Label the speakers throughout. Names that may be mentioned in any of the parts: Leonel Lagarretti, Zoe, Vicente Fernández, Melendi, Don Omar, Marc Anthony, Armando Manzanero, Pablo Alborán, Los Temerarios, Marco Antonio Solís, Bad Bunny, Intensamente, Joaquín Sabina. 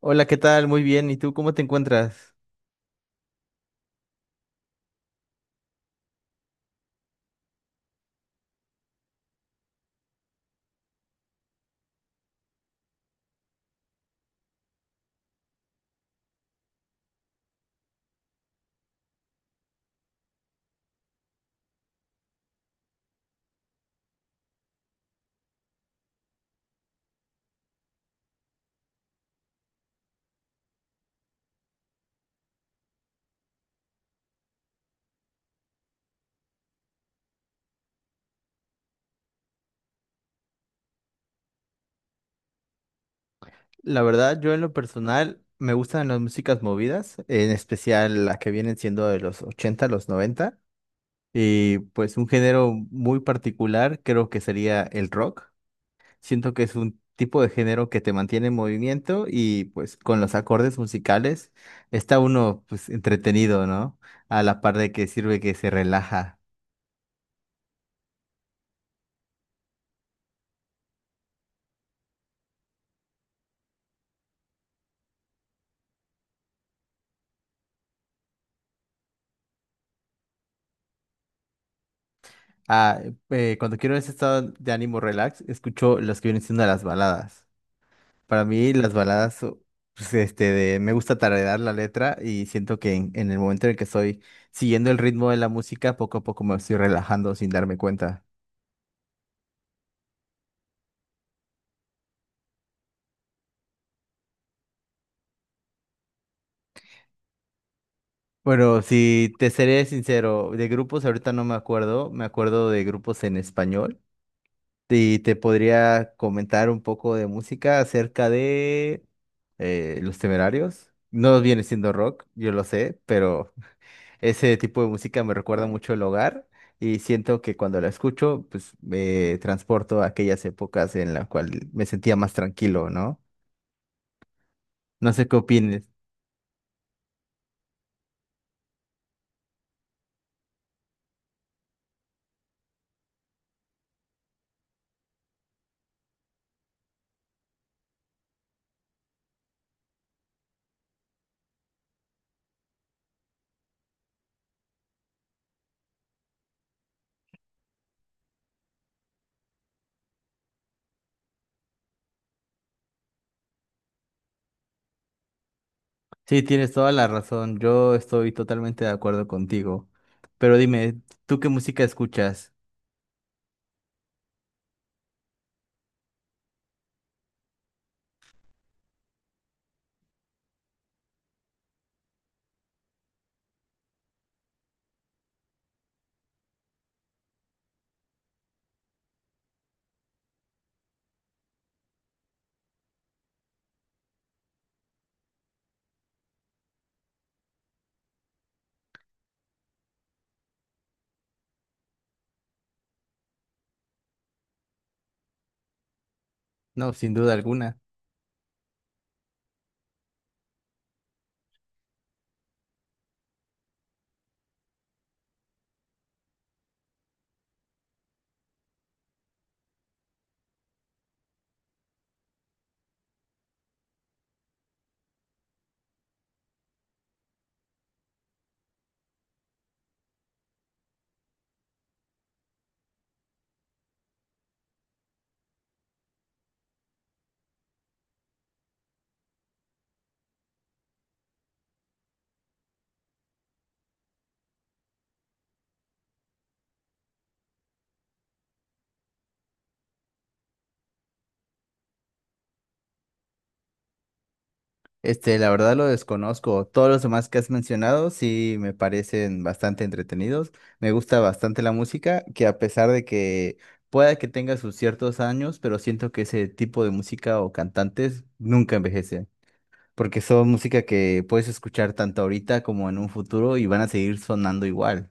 Speaker 1: Hola, ¿qué tal? Muy bien. ¿Y tú cómo te encuentras? La verdad, yo en lo personal me gustan las músicas movidas, en especial las que vienen siendo de los 80, los noventa. Y pues un género muy particular creo que sería el rock. Siento que es un tipo de género que te mantiene en movimiento y pues con los acordes musicales está uno pues entretenido, ¿no? A la par de que sirve que se relaja. Ah, cuando quiero ese estado de ánimo relax, escucho las que vienen siendo las baladas. Para mí las baladas, pues, me gusta tararear la letra y siento que en el momento en el que estoy siguiendo el ritmo de la música, poco a poco me estoy relajando sin darme cuenta. Bueno, si te seré sincero, de grupos ahorita no me acuerdo, me acuerdo de grupos en español y te podría comentar un poco de música acerca de Los Temerarios. No viene siendo rock, yo lo sé, pero ese tipo de música me recuerda mucho el hogar y siento que cuando la escucho, pues me transporto a aquellas épocas en las cuales me sentía más tranquilo, ¿no? No sé qué opines. Sí, tienes toda la razón. Yo estoy totalmente de acuerdo contigo. Pero dime, ¿tú qué música escuchas? No, sin duda alguna. La verdad lo desconozco. Todos los demás que has mencionado sí me parecen bastante entretenidos. Me gusta bastante la música, que a pesar de que pueda que tenga sus ciertos años, pero siento que ese tipo de música o cantantes nunca envejecen, porque son música que puedes escuchar tanto ahorita como en un futuro y van a seguir sonando igual.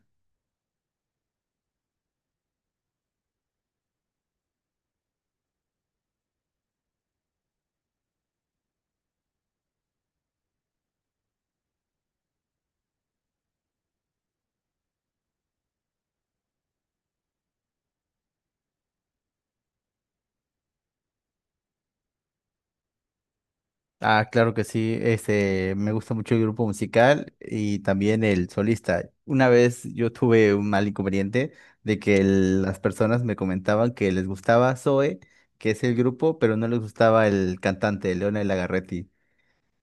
Speaker 1: Ah, claro que sí. Me gusta mucho el grupo musical y también el solista. Una vez yo tuve un mal inconveniente de que las personas me comentaban que les gustaba Zoe, que es el grupo, pero no les gustaba el cantante, Leonel Lagarretti.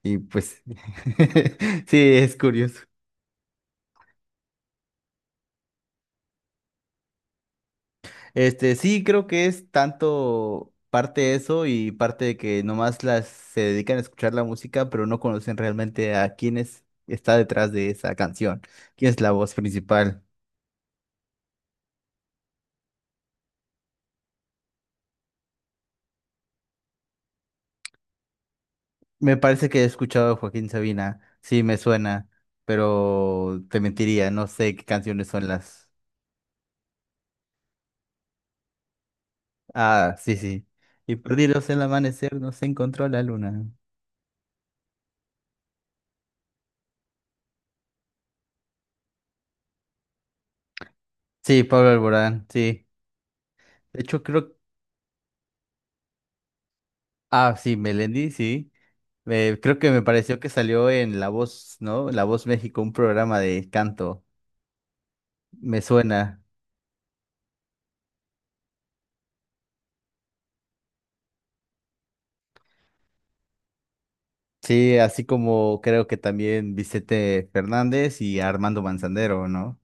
Speaker 1: Y pues, sí, es curioso. Este, sí, creo que es tanto parte eso y parte de que nomás las se dedican a escuchar la música, pero no conocen realmente a quién está detrás de esa canción, quién es la voz principal. Me parece que he escuchado a Joaquín Sabina, sí, me suena, pero te mentiría, no sé qué canciones son las. Ah, sí, sí. Y perdidos en el amanecer, no se encontró la luna. Sí, Pablo Alborán, sí. De hecho, creo. Ah, sí, Melendi, sí. Creo que me pareció que salió en La Voz, ¿no? La Voz México, un programa de canto. Me suena. Sí, así como creo que también Vicente Fernández y Armando Manzanero, ¿no?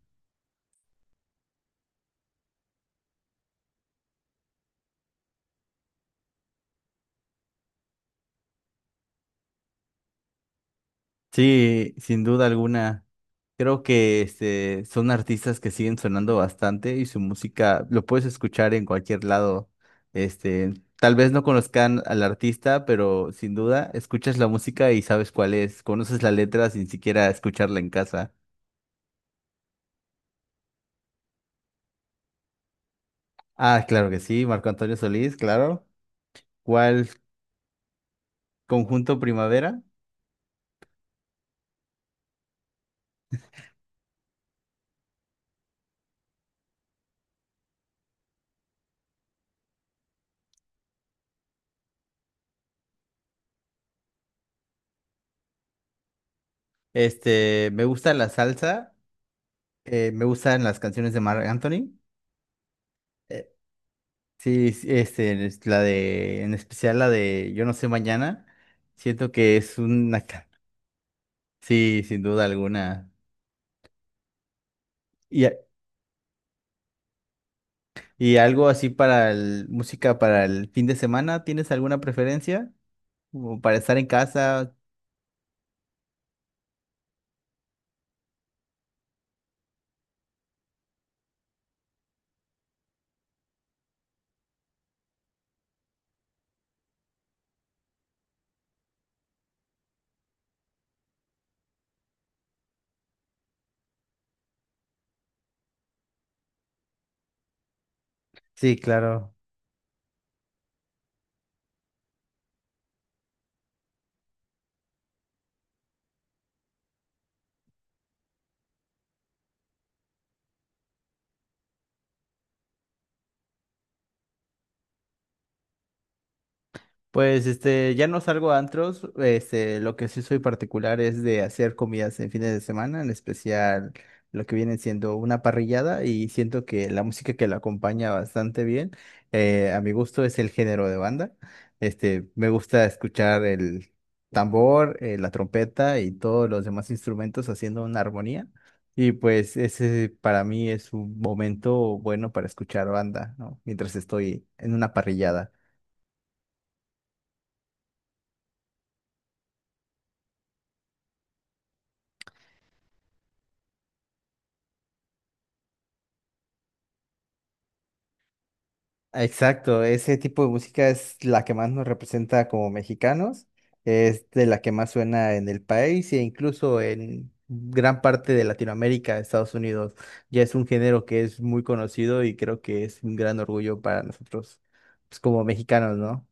Speaker 1: Sí, sin duda alguna. Creo que son artistas que siguen sonando bastante y su música lo puedes escuchar en cualquier lado. Este, tal vez no conozcan al artista, pero sin duda escuchas la música y sabes cuál es. Conoces la letra sin siquiera escucharla en casa. Ah, claro que sí, Marco Antonio Solís, claro. ¿Cuál conjunto Primavera? Me gusta la salsa, me gustan las canciones de Marc Anthony. eh, Sí, sí, es la de, en especial la de Yo no sé mañana, siento que es una, sí, sin duda alguna. Y, y algo así para el, música para el fin de semana, ¿tienes alguna preferencia? Como para estar en casa. Sí, claro. Pues ya no salgo a antros, lo que sí soy particular es de hacer comidas en fines de semana, en especial lo que viene siendo una parrillada y siento que la música que la acompaña bastante bien, a mi gusto es el género de banda. Me gusta escuchar el tambor, la trompeta y todos los demás instrumentos haciendo una armonía y pues ese para mí es un momento bueno para escuchar banda, ¿no? Mientras estoy en una parrillada. Exacto, ese tipo de música es la que más nos representa como mexicanos, es de la que más suena en el país e incluso en gran parte de Latinoamérica, Estados Unidos. Ya es un género que es muy conocido y creo que es un gran orgullo para nosotros, pues como mexicanos, ¿no?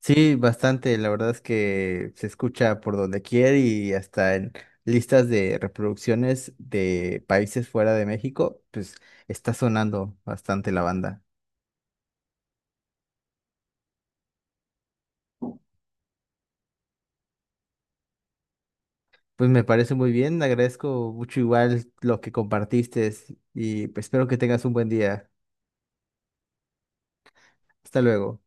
Speaker 1: Sí, bastante, la verdad es que se escucha por donde quiera y hasta en listas de reproducciones de países fuera de México, pues está sonando bastante la banda. Pues me parece muy bien, agradezco mucho igual lo que compartiste y pues, espero que tengas un buen día. Hasta luego.